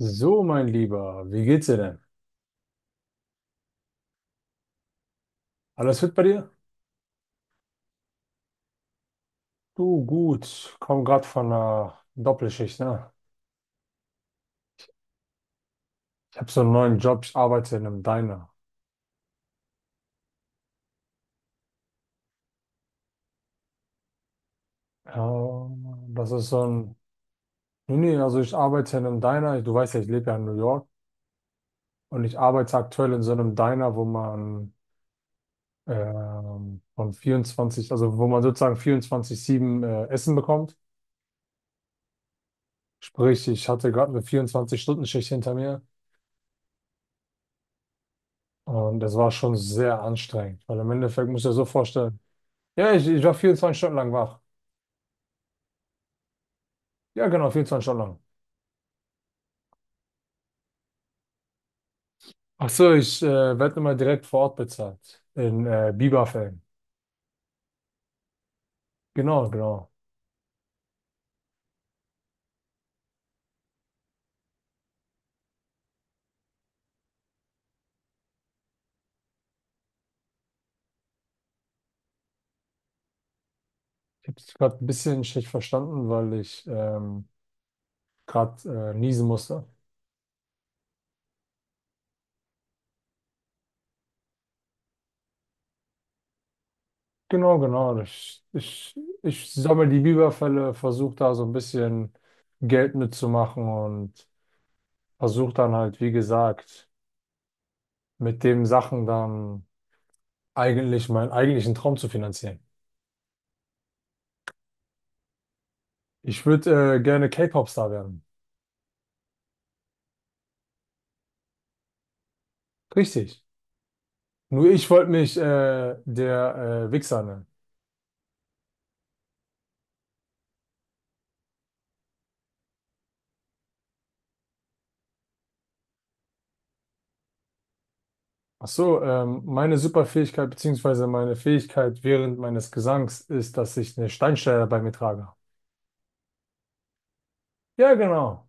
So, mein Lieber, wie geht's dir denn? Alles fit bei dir? Du, gut. Komm gerade von einer Doppelschicht, ne? Ich habe so einen neuen Job, ich arbeite in einem Diner. Ja, das ist so ein. Nee, nee, also ich arbeite in einem Diner. Du weißt ja, ich lebe ja in New York. Und ich arbeite aktuell in so einem Diner, wo man von 24, also wo man sozusagen 24-7 Essen bekommt. Sprich, ich hatte gerade eine 24-Stunden-Schicht hinter mir. Und das war schon sehr anstrengend, weil im Endeffekt muss ich dir so vorstellen. Ja, ich war 24 Stunden lang wach. Ja, genau, vierundzwanzig Stunden lang. Ach so, ich werde immer direkt vor Ort bezahlt. In Bieberfällen. Genau, genau. Ich habe es gerade ein bisschen schlecht verstanden, weil ich gerade niesen musste. Genau, genau. Ich sammle die Biberfälle, versuche da so ein bisschen Geld mitzumachen und versuche dann halt, wie gesagt, mit dem Sachen dann eigentlich meinen eigentlichen Traum zu finanzieren. Ich würde gerne K-Pop-Star werden. Richtig. Nur ich wollte mich der Wichser nennen. Ach so, meine Superfähigkeit beziehungsweise meine Fähigkeit während meines Gesangs ist, dass ich eine Steinschleuder bei mir trage. Ja, genau.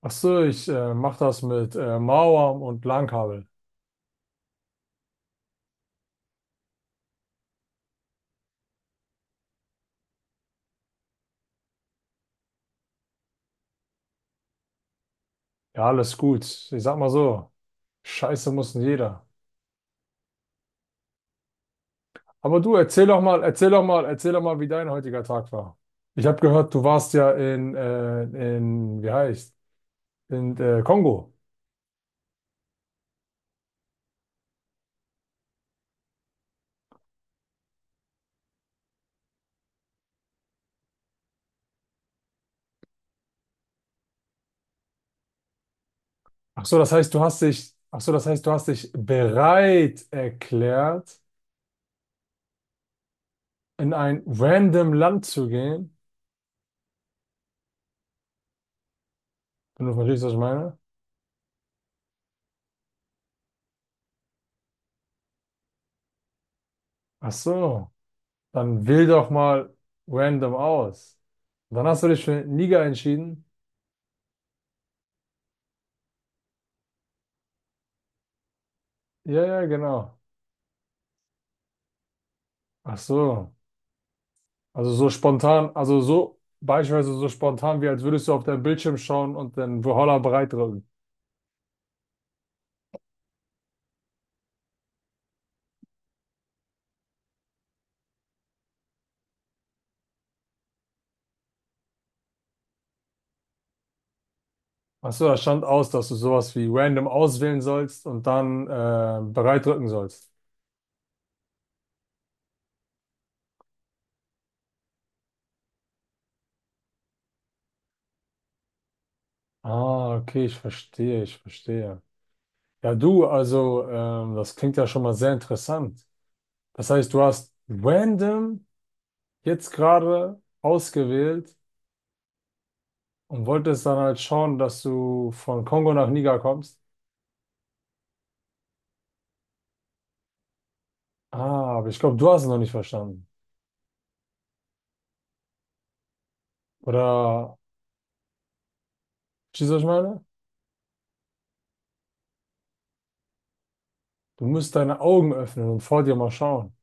Ach so, ich mache das mit Mauern und Langkabel. Ja, alles gut. Ich sag mal so, Scheiße muss nicht jeder. Aber du, erzähl doch mal, wie dein heutiger Tag war. Ich habe gehört, du warst ja in, wie heißt, in Kongo. Ach so, das heißt, du hast dich bereit erklärt, in ein random Land zu gehen. Wenn du verstehst, was ich meine? Ach so, dann wähl doch mal random aus. Dann hast du dich für Niger entschieden. Ja, ja, genau. Ach so. Also so spontan, also so beispielsweise so spontan, wie als würdest du auf deinen Bildschirm schauen und den Valhalla bereit drücken. Ach so, da stand aus, dass du sowas wie random auswählen sollst und dann bereit drücken sollst. Ah, okay, ich verstehe. Ja, du, also, das klingt ja schon mal sehr interessant. Das heißt, du hast random jetzt gerade ausgewählt und wolltest dann halt schauen, dass du von Kongo nach Niger kommst. Ah, aber ich glaube, du hast es noch nicht verstanden. Oder, verstehst du, was ich meine? Du musst deine Augen öffnen und vor dir mal schauen.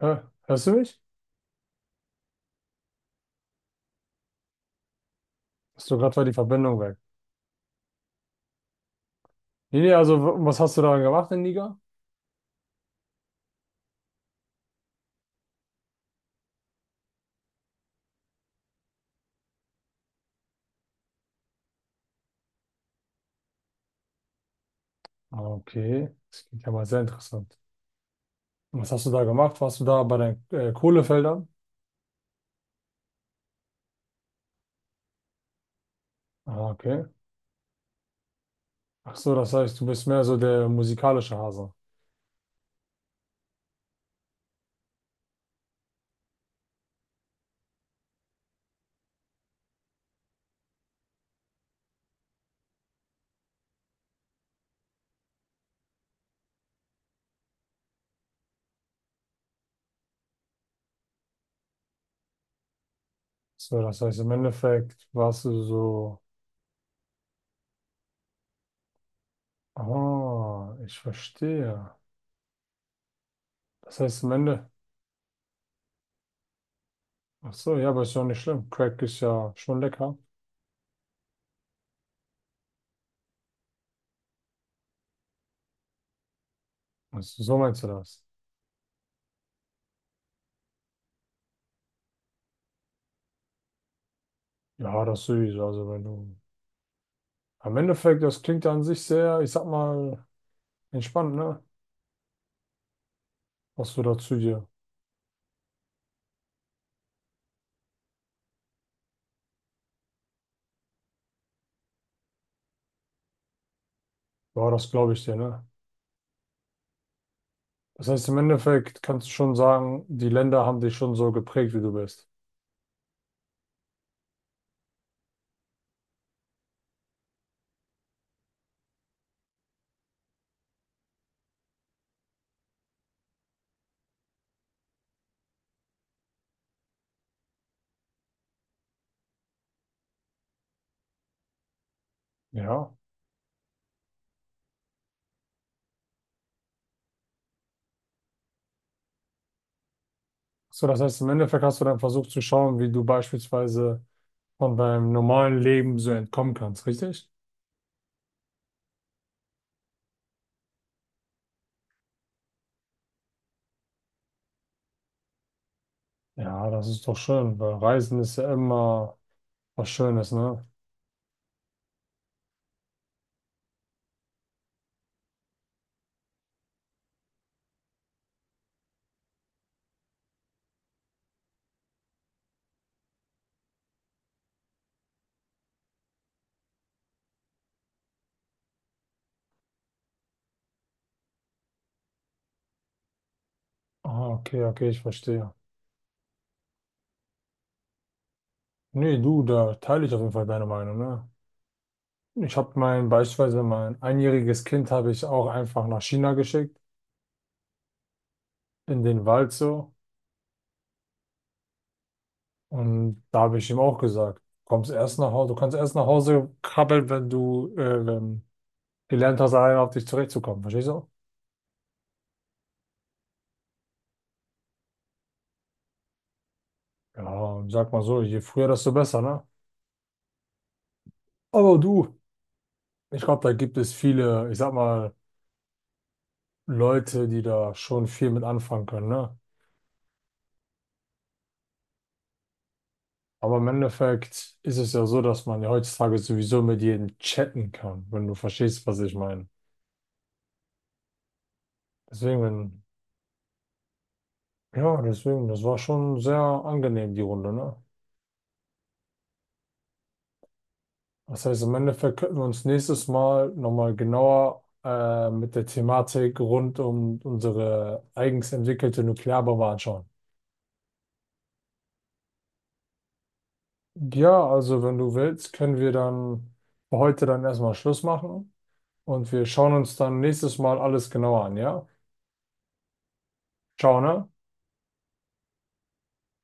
Hä? Hörst du mich? Hast du gerade war die Verbindung weg? Nee, nee, also, was hast du daran gemacht in Niger? Ah, okay, das klingt ja mal sehr interessant. Und was hast du da gemacht? Warst du da bei den Kohlefeldern? Ah, okay. Ach so, das heißt, du bist mehr so der musikalische Hase. So, das heißt, im Endeffekt warst du so, ah, ich verstehe. Das heißt, im Ende, ach so, ja, aber ist ja nicht schlimm. Crack ist ja schon lecker. Also, so meinst du das? Ja, das sowieso. Also, wenn du, am Endeffekt, das klingt ja an sich sehr, ich sag mal, entspannt, ne? Was du da zu dir, ja, das glaube ich dir, ne? Das heißt, im Endeffekt kannst du schon sagen, die Länder haben dich schon so geprägt, wie du bist. Ja. So, das heißt, im Endeffekt hast du dann versucht zu schauen, wie du beispielsweise von deinem normalen Leben so entkommen kannst, richtig? Ja, das ist doch schön, weil Reisen ist ja immer was Schönes, ne? Ah, okay, ich verstehe. Nee, du, da teile ich auf jeden Fall deine Meinung, ne? Beispielsweise mein einjähriges Kind habe ich auch einfach nach China geschickt, in den Wald so. Und da habe ich ihm auch gesagt, kommst erst nach Hause, du kannst erst nach Hause krabbeln, wenn du gelernt hast, alleine auf dich zurechtzukommen. Verstehst du? Ja, und sag mal so, je früher, desto besser, ne? Aber du, ich glaube, da gibt es viele, ich sag mal, Leute, die da schon viel mit anfangen können, ne? Aber im Endeffekt ist es ja so, dass man ja heutzutage sowieso mit jedem chatten kann, wenn du verstehst, was ich meine. Deswegen, wenn, ja, deswegen, das war schon sehr angenehm, die Runde, ne? Das heißt, im Endeffekt könnten wir uns nächstes Mal nochmal genauer mit der Thematik rund um unsere eigens entwickelte Nuklearbombe anschauen. Ja, also wenn du willst, können wir dann für heute dann erstmal Schluss machen und wir schauen uns dann nächstes Mal alles genauer an, ja? Ciao, ne?